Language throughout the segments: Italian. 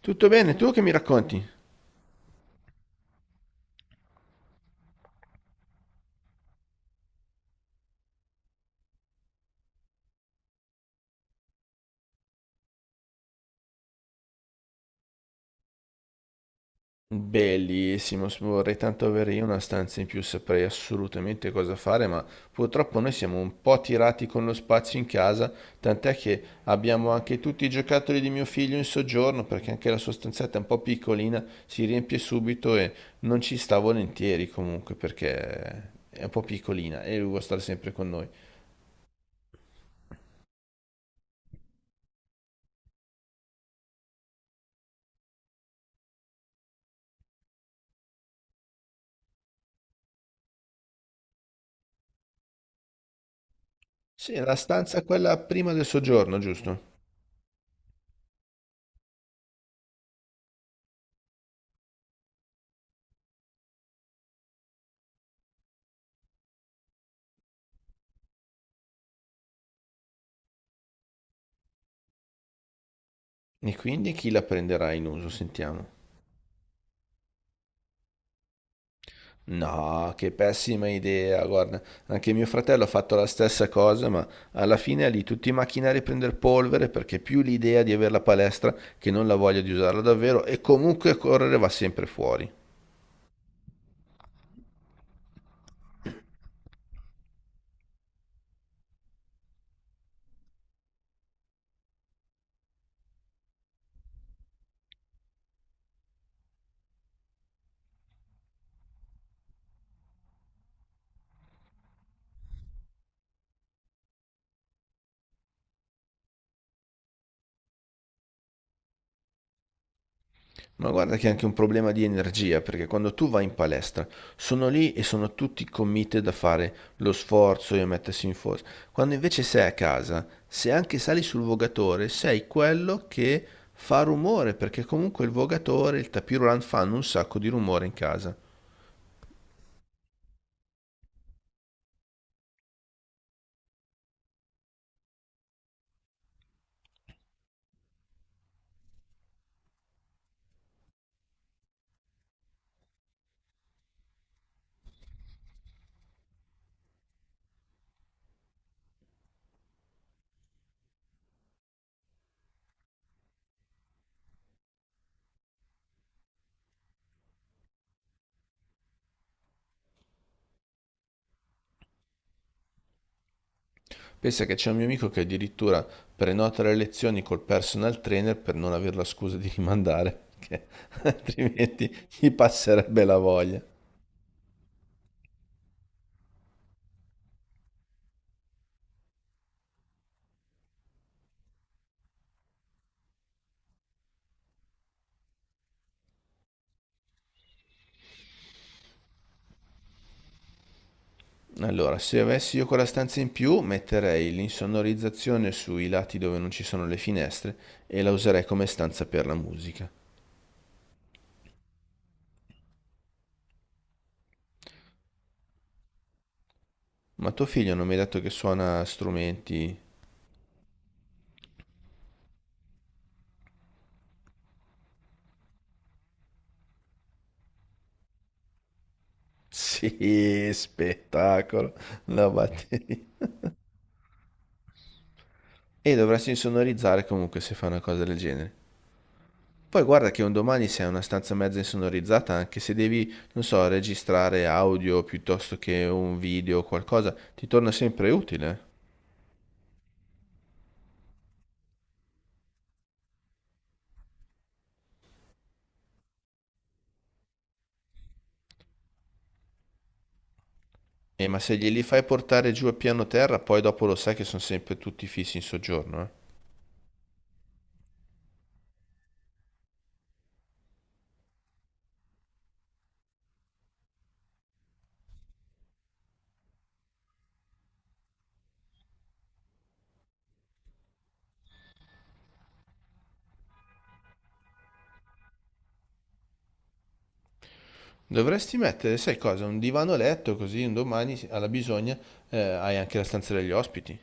Tutto bene, tu che mi racconti? Bellissimo, vorrei tanto avere io una stanza in più, saprei assolutamente cosa fare, ma purtroppo noi siamo un po' tirati con lo spazio in casa, tant'è che abbiamo anche tutti i giocattoli di mio figlio in soggiorno, perché anche la sua stanzetta è un po' piccolina, si riempie subito e non ci sta volentieri comunque, perché è un po' piccolina e lui vuole stare sempre con noi. Sì, la stanza è quella prima del soggiorno, giusto? E quindi chi la prenderà in uso, sentiamo. No, che pessima idea, guarda, anche mio fratello ha fatto la stessa cosa, ma alla fine è lì tutti i macchinari a prendere polvere perché più l'idea di avere la palestra che non la voglia di usarla davvero e comunque correre va sempre fuori. Ma guarda che è anche un problema di energia, perché quando tu vai in palestra sono lì e sono tutti committed a fare lo sforzo e a mettersi in forza. Quando invece sei a casa, se anche sali sul vogatore, sei quello che fa rumore, perché comunque il vogatore, il tapis roulant fanno un sacco di rumore in casa. Pensa che c'è un mio amico che addirittura prenota le lezioni col personal trainer per non avere la scusa di rimandare, perché altrimenti gli passerebbe la voglia. Allora, se avessi io quella stanza in più, metterei l'insonorizzazione sui lati dove non ci sono le finestre e la userei come stanza per la musica. Ma tuo figlio non mi hai detto che suona strumenti? Sì, spettacolo, la batteria. E dovresti insonorizzare comunque se fai una cosa del genere. Poi guarda che un domani se hai una stanza mezza insonorizzata, anche se devi, non so, registrare audio piuttosto che un video o qualcosa, ti torna sempre utile. Ma se glieli fai portare giù a piano terra, poi dopo lo sai che sono sempre tutti fissi in soggiorno, eh. Dovresti mettere, sai cosa, un divano a letto così un domani alla bisogna hai anche la stanza degli ospiti.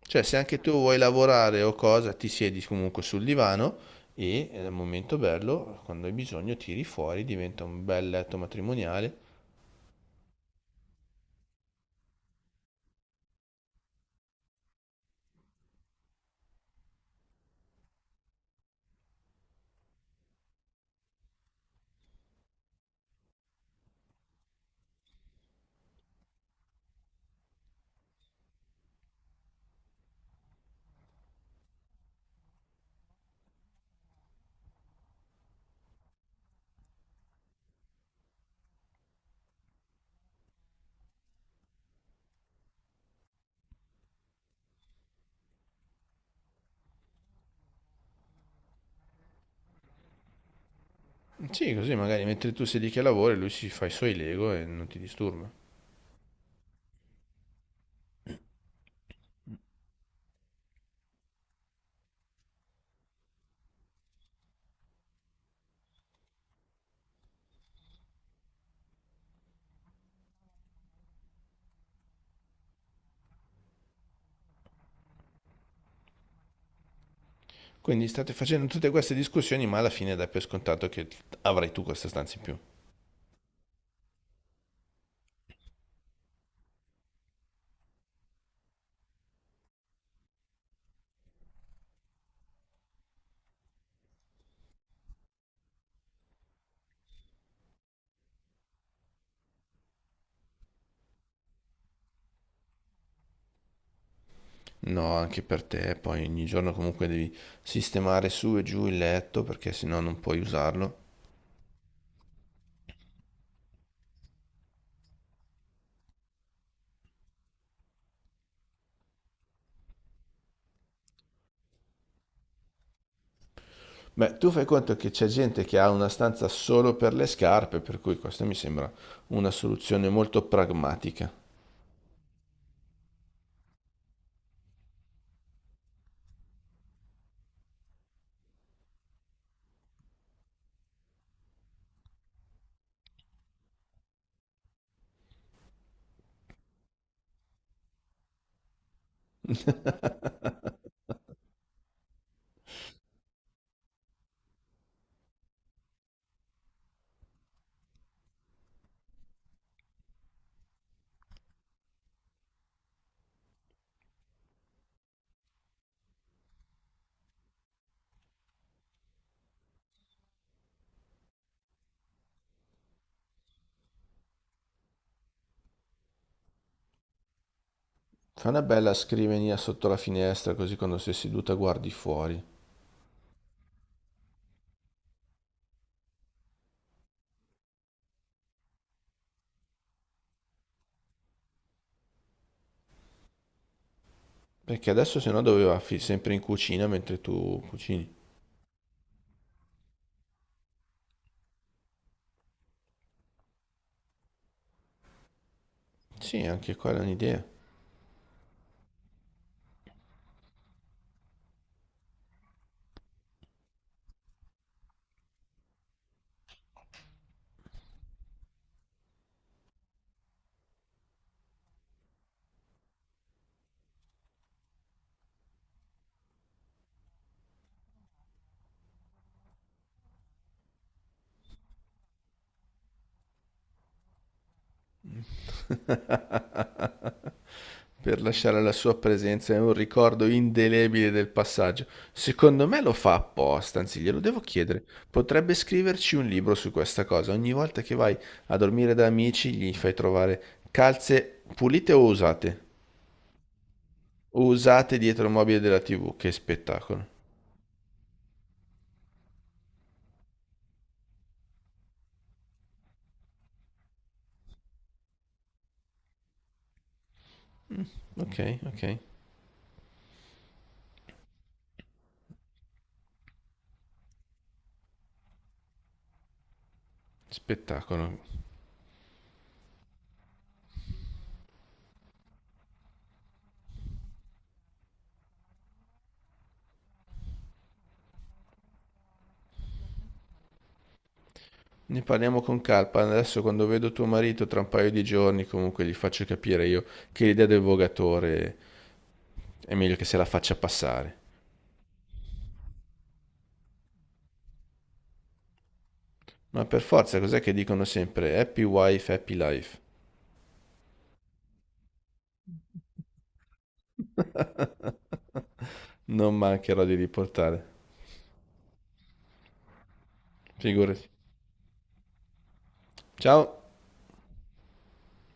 Cioè, se anche tu vuoi lavorare o cosa, ti siedi comunque sul divano e al momento bello, quando hai bisogno, tiri fuori, diventa un bel letto matrimoniale. Sì, così magari mentre tu sei lì che lavori, lui si fa i suoi Lego e non ti disturba. Quindi state facendo tutte queste discussioni, ma alla fine dai per scontato che avrai tu questa stanza in più. No, anche per te, poi ogni giorno comunque devi sistemare su e giù il letto perché sennò non puoi usarlo. Beh, tu fai conto che c'è gente che ha una stanza solo per le scarpe, per cui questa mi sembra una soluzione molto pragmatica. Fa una bella scrivania sotto la finestra, così quando sei seduta guardi fuori. Perché adesso se no doveva sempre in cucina mentre tu cucini. Sì, anche quella è un'idea. Per lasciare la sua presenza e un ricordo indelebile del passaggio. Secondo me lo fa apposta, anzi glielo devo chiedere. Potrebbe scriverci un libro su questa cosa. Ogni volta che vai a dormire da amici gli fai trovare calze pulite o usate? O usate dietro il mobile della TV. Che spettacolo. Ok, ok. Spettacolo. Ne parliamo con calpa. Adesso quando vedo tuo marito tra un paio di giorni, comunque gli faccio capire io che l'idea del vogatore è meglio che se la faccia passare. Ma per forza, cos'è che dicono sempre? Happy wife, happy life. Non mancherò di riportare. Figurati. Ciao.